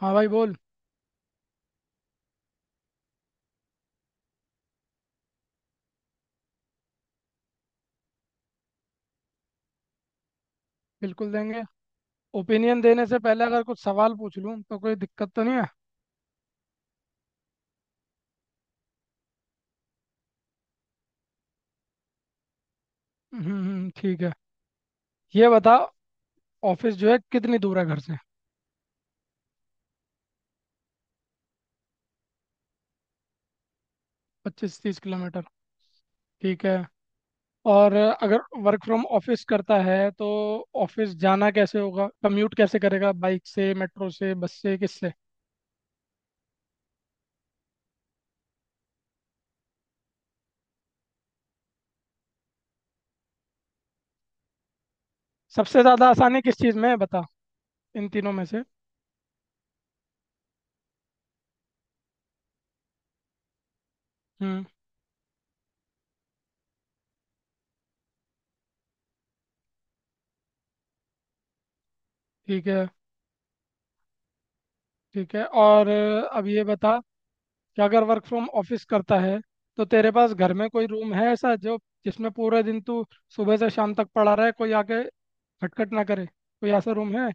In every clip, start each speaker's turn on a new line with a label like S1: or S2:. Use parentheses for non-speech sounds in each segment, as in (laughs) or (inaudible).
S1: हाँ भाई बोल। बिल्कुल देंगे। ओपिनियन देने से पहले अगर कुछ सवाल पूछ लूँ तो कोई दिक्कत तो नहीं है। ठीक है। ये बता, ऑफिस जो है कितनी दूर है घर से? पच्चीस तीस किलोमीटर। ठीक है। और अगर वर्क फ्रॉम ऑफिस करता है तो ऑफिस जाना कैसे होगा? कम्यूट कैसे करेगा, बाइक से, मेट्रो से, बस से, किससे? सबसे ज़्यादा आसानी किस चीज़ में है बता, इन तीनों में से। हम्म ठीक है। ठीक है, और अब ये बता कि अगर वर्क फ्रॉम ऑफिस करता है तो तेरे पास घर में कोई रूम है ऐसा जो, जिसमें पूरे दिन तू सुबह से शाम तक पड़ा रहे, कोई आके खटखट ना करे, कोई ऐसा रूम है?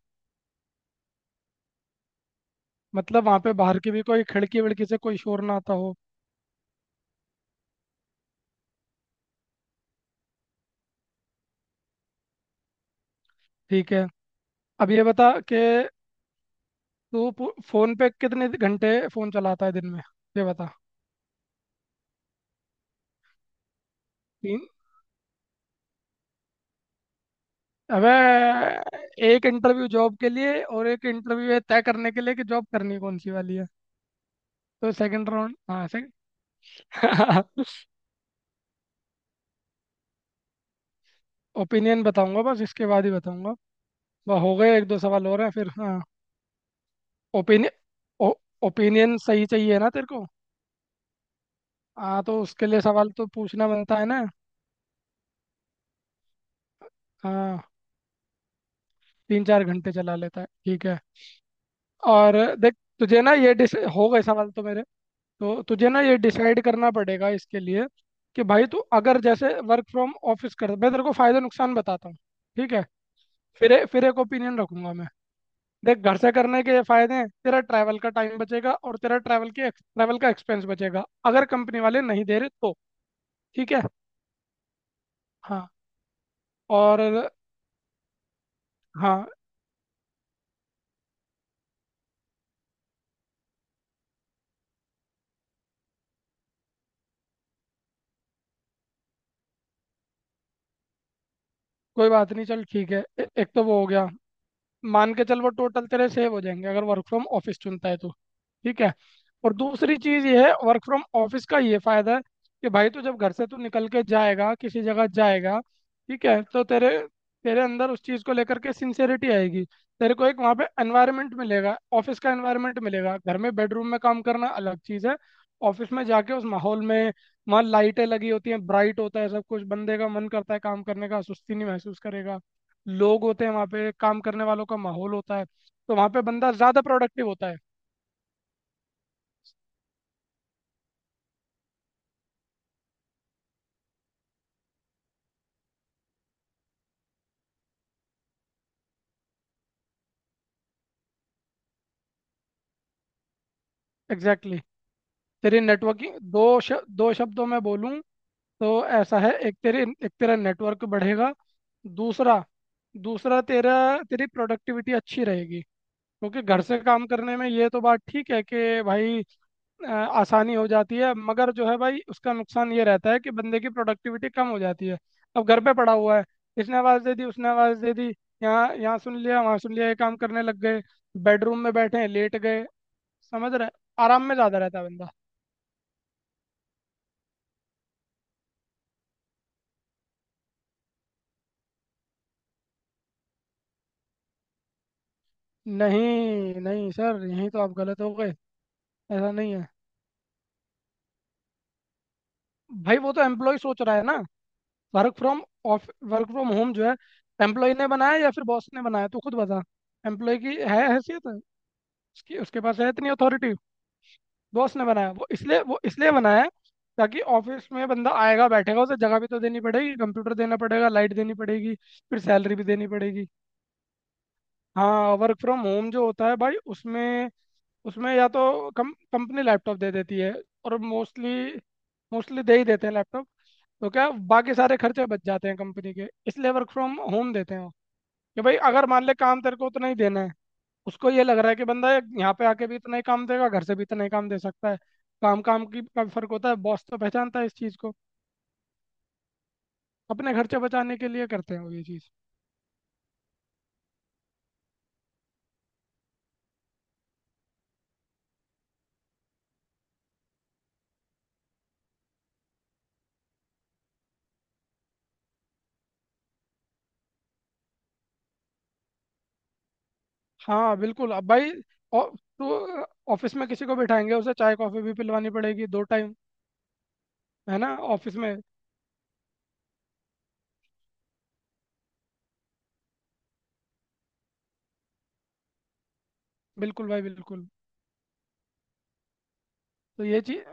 S1: मतलब वहाँ पे बाहर की भी कोई खिड़की विड़की से कोई शोर ना आता हो। ठीक है। अब ये बता कि फोन पे कितने घंटे फोन चलाता है दिन में, ये बता। तीन। अबे, एक इंटरव्यू जॉब के लिए और एक इंटरव्यू ये तय करने के लिए कि जॉब करनी कौन सी वाली है। तो सेकंड राउंड, हाँ। सेकंड। (laughs) ओपिनियन बताऊंगा, बस इसके बाद ही बताऊंगा। वाह, हो गए? एक दो सवाल और हैं, फिर हाँ। ओपिनियन। ओपिनियन सही चाहिए ना तेरे को? हाँ तो उसके लिए सवाल तो पूछना बनता है ना। हाँ। तीन चार घंटे चला लेता है, ठीक है। और देख, तुझे ना ये डिस हो गए सवाल तो मेरे। तो तुझे ना ये डिसाइड करना पड़ेगा इसके लिए कि भाई तू अगर जैसे वर्क फ्रॉम ऑफिस कर, मैं तेरे को फायदे नुकसान बताता हूँ। ठीक है। फिर एक ओपिनियन रखूंगा मैं। देख, घर से करने के ये फायदे हैं, तेरा ट्रैवल का टाइम बचेगा और तेरा ट्रैवल का एक्सपेंस बचेगा अगर कंपनी वाले नहीं दे रहे तो। ठीक है। हाँ। और। हाँ। कोई बात नहीं, चल ठीक है। एक तो वो हो गया। मान के चल वो टोटल तेरे सेव हो जाएंगे अगर वर्क फ्रॉम ऑफिस चुनता है तो। ठीक है। और दूसरी चीज़ ये है, वर्क फ्रॉम ऑफिस का ये फ़ायदा है कि भाई तू जब घर से तू निकल के जाएगा, किसी जगह जाएगा, ठीक है, तो तेरे तेरे अंदर उस चीज़ को लेकर के सिंसेरिटी आएगी। तेरे को एक वहाँ पे एनवायरनमेंट मिलेगा, ऑफिस का एनवायरनमेंट मिलेगा। घर में बेडरूम में काम करना अलग चीज़ है। ऑफिस में जाके उस माहौल में, वहाँ लाइटें लगी होती हैं, ब्राइट होता है सब कुछ, बंदे का मन करता है काम करने का, सुस्ती नहीं महसूस करेगा। लोग होते हैं वहाँ पे, काम करने वालों का माहौल होता है, तो वहाँ पे बंदा ज़्यादा प्रोडक्टिव होता है। Exactly, exactly। तेरी नेटवर्किंग, दो शब्दों में बोलूँ तो ऐसा है, एक तेरी, एक तेरा नेटवर्क बढ़ेगा। दूसरा, दूसरा तेरा तेरी प्रोडक्टिविटी अच्छी रहेगी। क्योंकि घर से काम करने में ये तो बात ठीक है कि भाई, अ, आसानी हो जाती है, मगर जो है भाई उसका नुकसान ये रहता है कि बंदे की प्रोडक्टिविटी कम हो जाती है। अब घर पे पड़ा हुआ है, इसने आवाज़ दे दी, उसने आवाज़ दे दी, यहाँ यहाँ सुन लिया, वहाँ सुन लिया, ये काम करने लग गए। बेडरूम में बैठे हैं, लेट गए, समझ रहे? आराम में ज़्यादा रहता है बंदा। नहीं नहीं सर, यहीं तो आप गलत हो गए। ऐसा नहीं है भाई, वो तो एम्प्लॉय सोच रहा है ना। Work from work from home जो है, एम्प्लॉय ने बनाया या फिर बॉस ने बनाया, तू खुद बता। एम्प्लॉय की है हैसियत? उसकी उसके पास है इतनी अथॉरिटी? बॉस ने बनाया वो, इसलिए बनाया है ताकि ऑफिस में बंदा आएगा बैठेगा, उसे जगह भी तो देनी पड़ेगी, कंप्यूटर देना पड़ेगा, लाइट देनी पड़ेगी, फिर सैलरी भी देनी पड़ेगी। हाँ, वर्क फ्रॉम होम जो होता है भाई उसमें, उसमें या तो कम कंपनी लैपटॉप दे देती है, और मोस्टली, मोस्टली दे ही देते हैं लैपटॉप। तो क्या, बाकी सारे खर्चे बच जाते हैं कंपनी के, इसलिए वर्क फ्रॉम होम देते हैं वो, कि भाई अगर मान ले काम तेरे को उतना ही देना है, उसको ये लग रहा है कि बंदा यहाँ पे आके भी इतना ही काम देगा, घर से भी इतना ही काम दे सकता है। काम काम की का भी फर्क होता है, बॉस तो पहचानता है इस चीज़ को। अपने खर्चे बचाने के लिए करते हैं वो ये चीज़। हाँ बिल्कुल। अब भाई, औ- तो ऑफिस में किसी को बिठाएंगे, उसे चाय कॉफी भी पिलवानी पड़ेगी दो टाइम, है ना, ऑफिस में। बिल्कुल भाई बिल्कुल। तो ये चीज।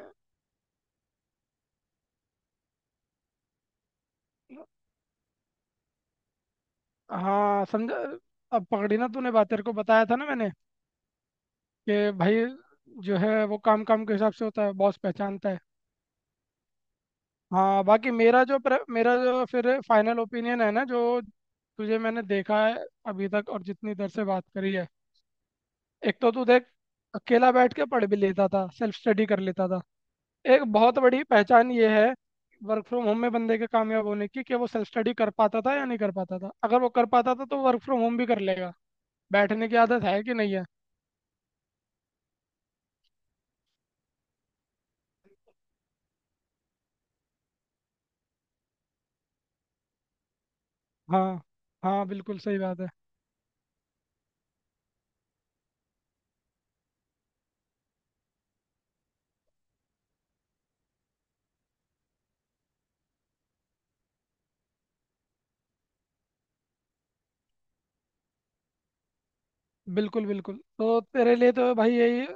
S1: हाँ समझा। अब पकड़ी ना तूने बात, तेरे को बताया था ना मैंने कि भाई जो है वो काम काम के हिसाब से होता है, बॉस पहचानता है। हाँ, बाकी मेरा जो फिर फाइनल ओपिनियन है ना, जो तुझे मैंने देखा है अभी तक और जितनी देर से बात करी है, एक तो तू देख, अकेला बैठ के पढ़ भी लेता था, सेल्फ स्टडी कर लेता था। एक बहुत बड़ी पहचान ये है वर्क फ्रॉम होम में बंदे के कामयाब होने की, कि वो सेल्फ स्टडी कर पाता था या नहीं कर पाता था। अगर वो कर पाता था तो वर्क फ्रॉम होम भी कर लेगा। बैठने की आदत है कि नहीं है। हाँ। हाँ बिल्कुल सही बात है। बिल्कुल बिल्कुल, तो तेरे लिए तो भाई यही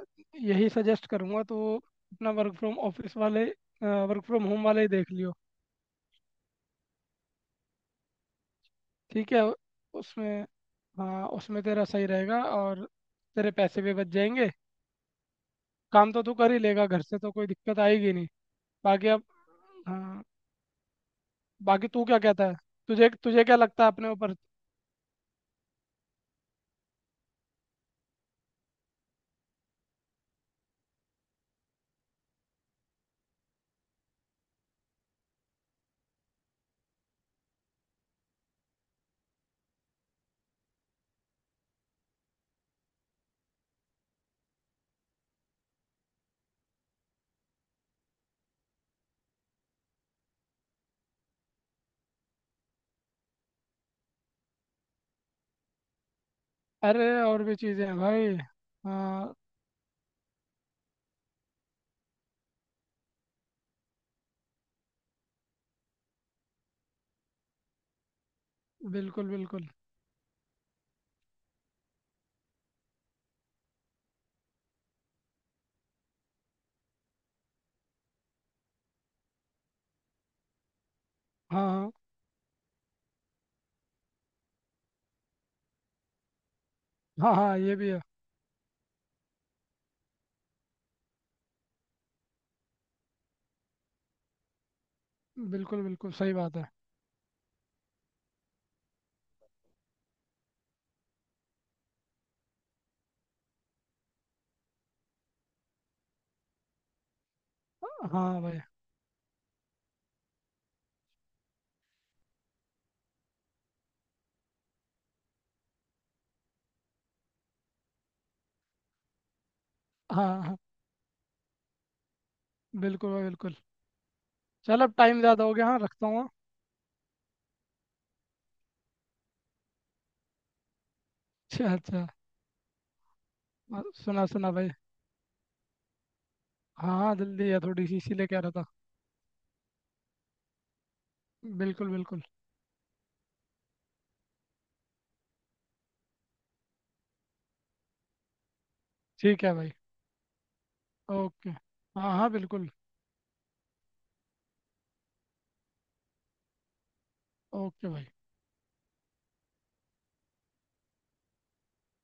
S1: यही सजेस्ट करूंगा तो। अपना वर्क फ्रॉम ऑफिस वाले, वर्क फ्रॉम होम वाले ही देख लियो। ठीक है। उसमें, हाँ उसमें तेरा सही रहेगा, और तेरे पैसे भी बच जाएंगे। काम तो तू कर ही लेगा घर से, तो कोई दिक्कत आएगी नहीं। बाकी अब, हाँ, बाकी तू क्या कहता है? तुझे तुझे क्या लगता है अपने ऊपर? अरे और भी चीज़ें हैं भाई। हाँ। बिल्कुल बिल्कुल। हाँ हाँ हाँ ये भी है। बिल्कुल बिल्कुल सही बात है। हाँ भाई। हाँ हाँ, बिल्कुल भाई बिल्कुल। चल अब टाइम ज़्यादा हो गया, हाँ रखता हूँ, हाँ। अच्छा अच्छा। हाँ, सुना सुना भाई। हाँ हाँ, जल्दी है थोड़ी सी, इसीलिए कह रहा था। बिल्कुल बिल्कुल। ठीक है भाई। ओके, हाँ हाँ, बिल्कुल। ओके भाई।